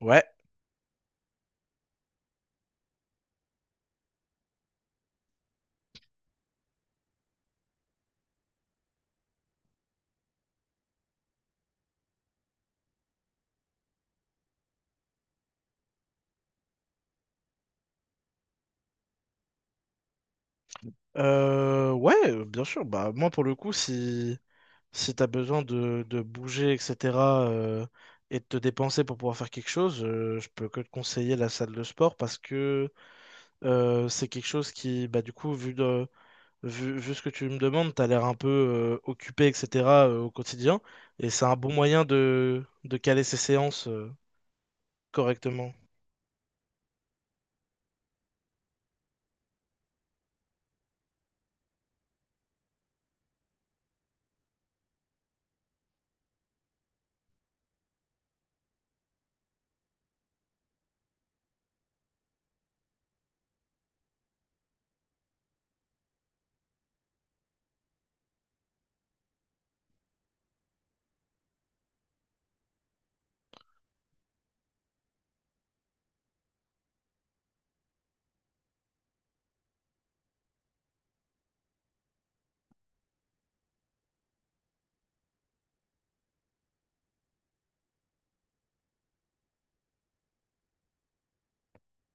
Ouais, ouais, bien sûr. Bah, moi, pour le coup, si t'as besoin de bouger, etc., euh, et de te dépenser pour pouvoir faire quelque chose, je peux que te conseiller la salle de sport parce que c'est quelque chose qui, du coup, vu ce que tu me demandes, t'as l'air un peu occupé, etc., au quotidien. Et c'est un bon moyen de caler ses séances correctement.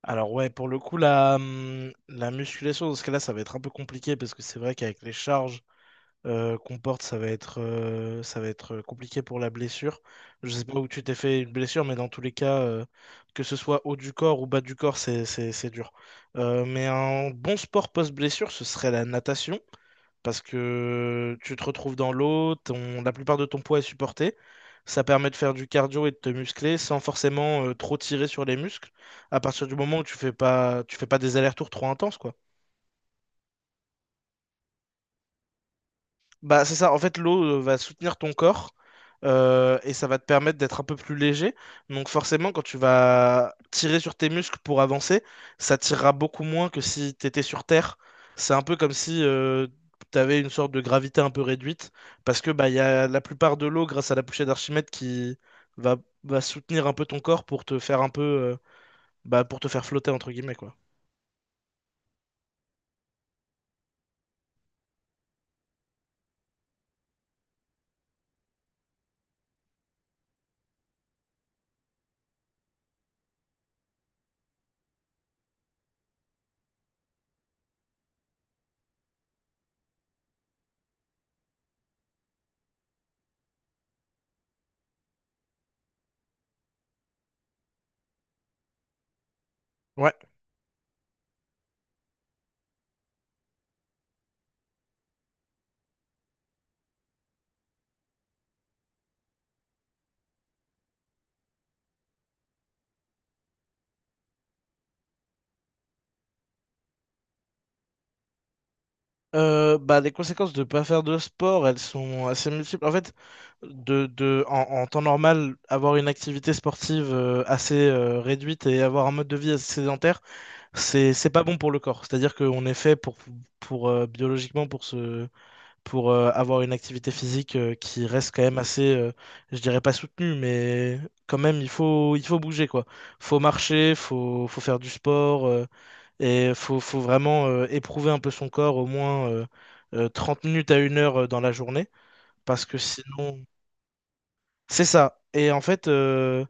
Alors ouais, pour le coup, la musculation, dans ce cas-là, ça va être un peu compliqué parce que c'est vrai qu'avec les charges, qu'on porte, ça va être compliqué pour la blessure. Je sais pas où tu t'es fait une blessure, mais dans tous les cas, que ce soit haut du corps ou bas du corps, c'est dur. Mais un bon sport post-blessure, ce serait la natation, parce que tu te retrouves dans l'eau, la plupart de ton poids est supporté. Ça permet de faire du cardio et de te muscler sans forcément trop tirer sur les muscles, à partir du moment où tu fais pas des allers-retours trop intenses, quoi. Bah, c'est ça, en fait, l'eau va soutenir ton corps et ça va te permettre d'être un peu plus léger. Donc forcément, quand tu vas tirer sur tes muscles pour avancer, ça tirera beaucoup moins que si t'étais sur Terre. C'est un peu comme si tu avais une sorte de gravité un peu réduite, parce que bah, il y a la plupart de l'eau, grâce à la poussée d'Archimède, qui va, va soutenir un peu ton corps pour te faire un peu, bah, pour te faire flotter, entre guillemets, quoi. Ouais. Bah, les conséquences de pas faire de sport, elles sont assez multiples. En fait, en temps normal, avoir une activité sportive assez réduite et avoir un mode de vie assez sédentaire, c'est pas bon pour le corps. C'est-à-dire qu'on est fait pour biologiquement pour se, pour avoir une activité physique qui reste quand même assez, je dirais pas soutenue, mais quand même, il faut bouger, quoi. Faut marcher, faut faire du sport. Faut vraiment éprouver un peu son corps au moins 30 minutes à une heure dans la journée. Parce que sinon. C'est ça. Et en fait,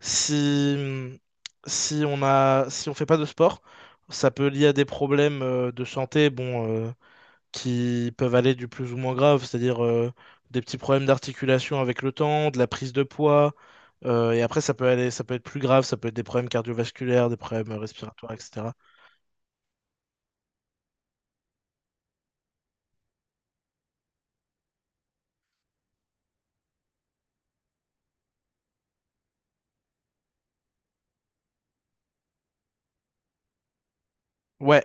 si, si on a, si on fait pas de sport, ça peut lier à des problèmes de santé bon, qui peuvent aller du plus ou moins grave, c'est-à-dire des petits problèmes d'articulation avec le temps, de la prise de poids. Et après, ça peut aller, ça peut être plus grave, ça peut être des problèmes cardiovasculaires, des problèmes respiratoires, etc. Ouais,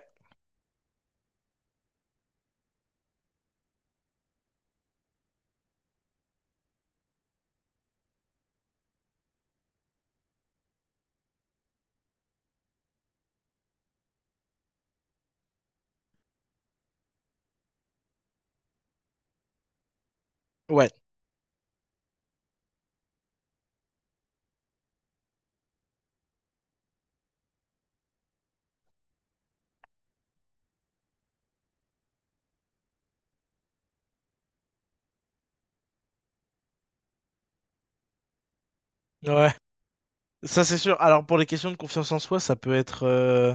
ouais, ouais. Ça, c'est sûr. Alors, pour les questions de confiance en soi,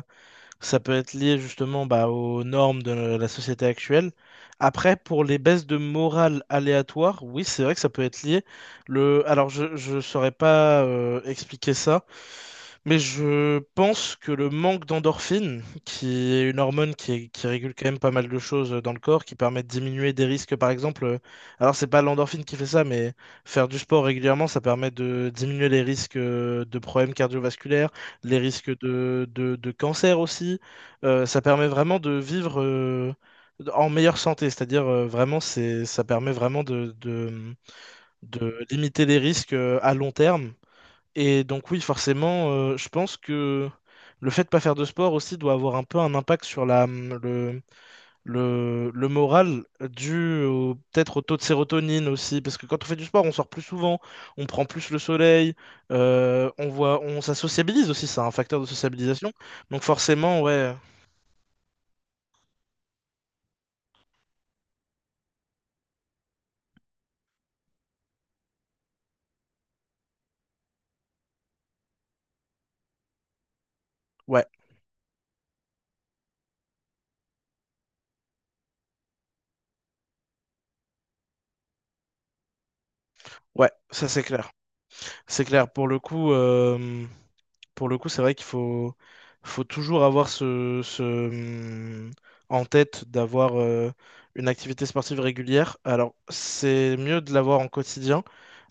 ça peut être lié justement bah, aux normes de la société actuelle. Après, pour les baisses de morale aléatoires, oui, c'est vrai que ça peut être lié. Le... Alors, je ne saurais pas expliquer ça, mais je pense que le manque d'endorphine, qui est une hormone qui régule quand même pas mal de choses dans le corps, qui permet de diminuer des risques, par exemple. Alors, c'est pas l'endorphine qui fait ça, mais faire du sport régulièrement, ça permet de diminuer les risques de problèmes cardiovasculaires les risques de cancer aussi. Ça permet vraiment de vivre en meilleure santé, c'est-à-dire vraiment, c'est, ça permet vraiment de limiter les risques à long terme. Et donc oui, forcément, je pense que le fait de pas faire de sport aussi doit avoir un peu un impact sur le moral peut-être au taux de sérotonine aussi, parce que quand on fait du sport, on sort plus souvent, on prend plus le soleil, on voit, on, ça sociabilise aussi, c'est un facteur de sociabilisation. Donc forcément, ouais, ouais, ça c'est clair. C'est clair, pour le coup, pour le coup, c'est vrai faut toujours avoir en tête d'avoir une activité sportive régulière. Alors, c'est mieux de l'avoir en quotidien.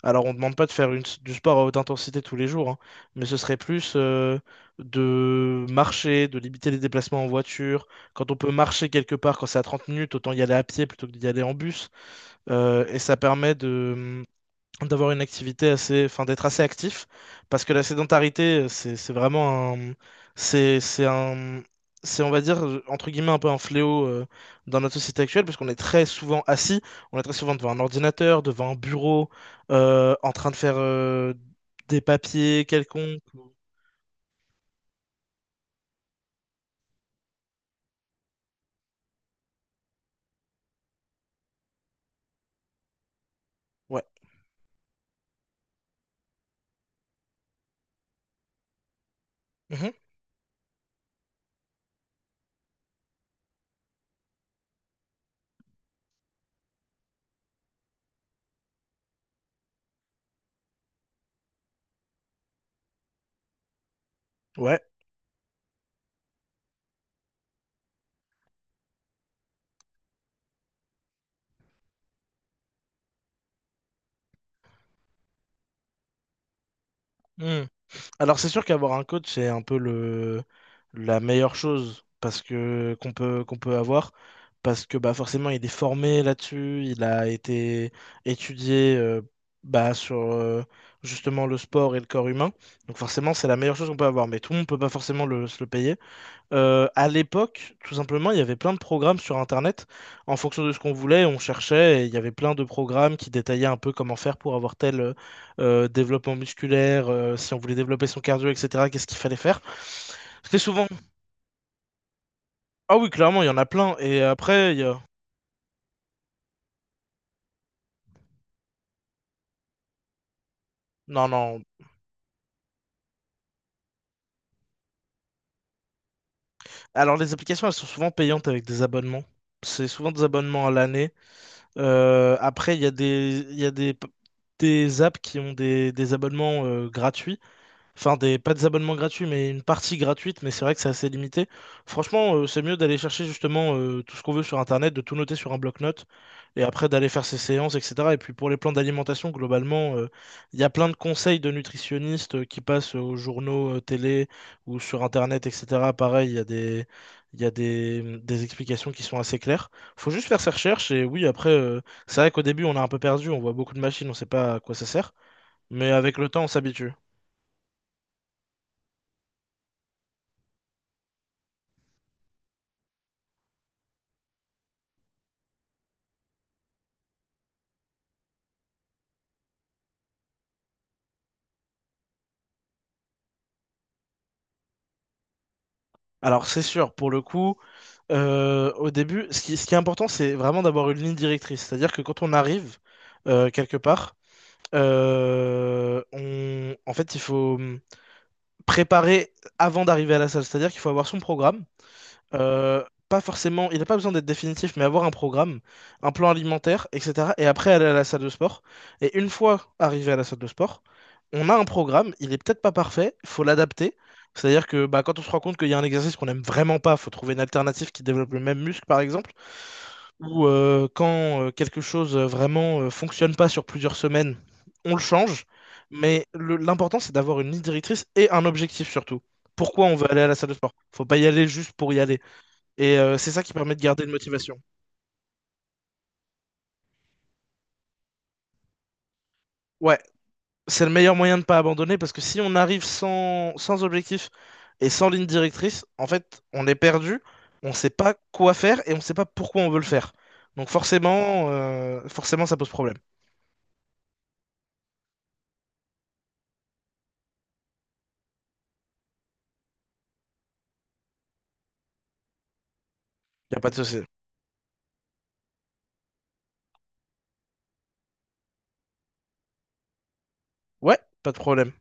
Alors, on ne demande pas du sport à haute intensité tous les jours, hein, mais ce serait plus de marcher, de limiter les déplacements en voiture. Quand on peut marcher quelque part, quand c'est à 30 minutes, autant y aller à pied plutôt que d'y aller en bus. Et ça permet d'avoir une activité assez, enfin d'être assez actif, parce que la sédentarité, c'est vraiment un, c'est un, c'est on va dire entre guillemets un peu un fléau dans notre société actuelle, parce qu'on est très souvent assis, on est très souvent devant un ordinateur, devant un bureau, en train de faire des papiers quelconques. Ouais. Mhm. Ouais. Mmh. Alors c'est sûr qu'avoir un coach, c'est un peu le la meilleure chose parce que qu'on peut avoir parce que bah forcément il est formé là-dessus, il a été étudié bah sur justement le sport et le corps humain. Donc forcément, c'est la meilleure chose qu'on peut avoir, mais tout le monde peut pas forcément se le payer. À l'époque, tout simplement, il y avait plein de programmes sur Internet. En fonction de ce qu'on voulait, on cherchait et il y avait plein de programmes qui détaillaient un peu comment faire pour avoir tel développement musculaire, si on voulait développer son cardio, etc. Qu'est-ce qu'il fallait faire. C'était souvent... Ah oui, clairement, il y en a plein. Et après, il y a... Non, non. Alors, les applications, elles sont souvent payantes avec des abonnements. C'est souvent des abonnements à l'année. Après, il y a des apps qui ont des abonnements gratuits. Enfin, des, pas des abonnements gratuits, mais une partie gratuite, mais c'est vrai que c'est assez limité. Franchement, c'est mieux d'aller chercher justement tout ce qu'on veut sur Internet, de tout noter sur un bloc-notes, et après d'aller faire ses séances, etc. Et puis pour les plans d'alimentation, globalement, il y a plein de conseils de nutritionnistes qui passent aux journaux, télé ou sur Internet, etc. Pareil, il y a des explications qui sont assez claires. Faut juste faire ses recherches, et oui, après, c'est vrai qu'au début, on a un peu perdu, on voit beaucoup de machines, on sait pas à quoi ça sert, mais avec le temps, on s'habitue. Alors, c'est sûr, pour le coup, au début, ce qui est important, c'est vraiment d'avoir une ligne directrice. C'est-à-dire que quand on arrive quelque part, en fait, il faut préparer avant d'arriver à la salle. C'est-à-dire qu'il faut avoir son programme. Pas forcément, il n'a pas besoin d'être définitif, mais avoir un programme, un plan alimentaire, etc. Et après aller à la salle de sport. Et une fois arrivé à la salle de sport, on a un programme, il est peut-être pas parfait, faut l'adapter. C'est-à-dire que bah, quand on se rend compte qu'il y a un exercice qu'on n'aime vraiment pas, faut trouver une alternative qui développe le même muscle, par exemple. Ou quand quelque chose vraiment fonctionne pas sur plusieurs semaines, on le change. L'important, c'est d'avoir une ligne directrice et un objectif surtout. Pourquoi on veut aller à la salle de sport? Faut pas y aller juste pour y aller. C'est ça qui permet de garder une motivation. Ouais, c'est le meilleur moyen de ne pas abandonner parce que si on arrive sans, sans objectif et sans ligne directrice, en fait, on est perdu, on ne sait pas quoi faire et on ne sait pas pourquoi on veut le faire. Donc forcément, forcément, ça pose problème. Il n'y a pas de souci. Ouais, pas de problème.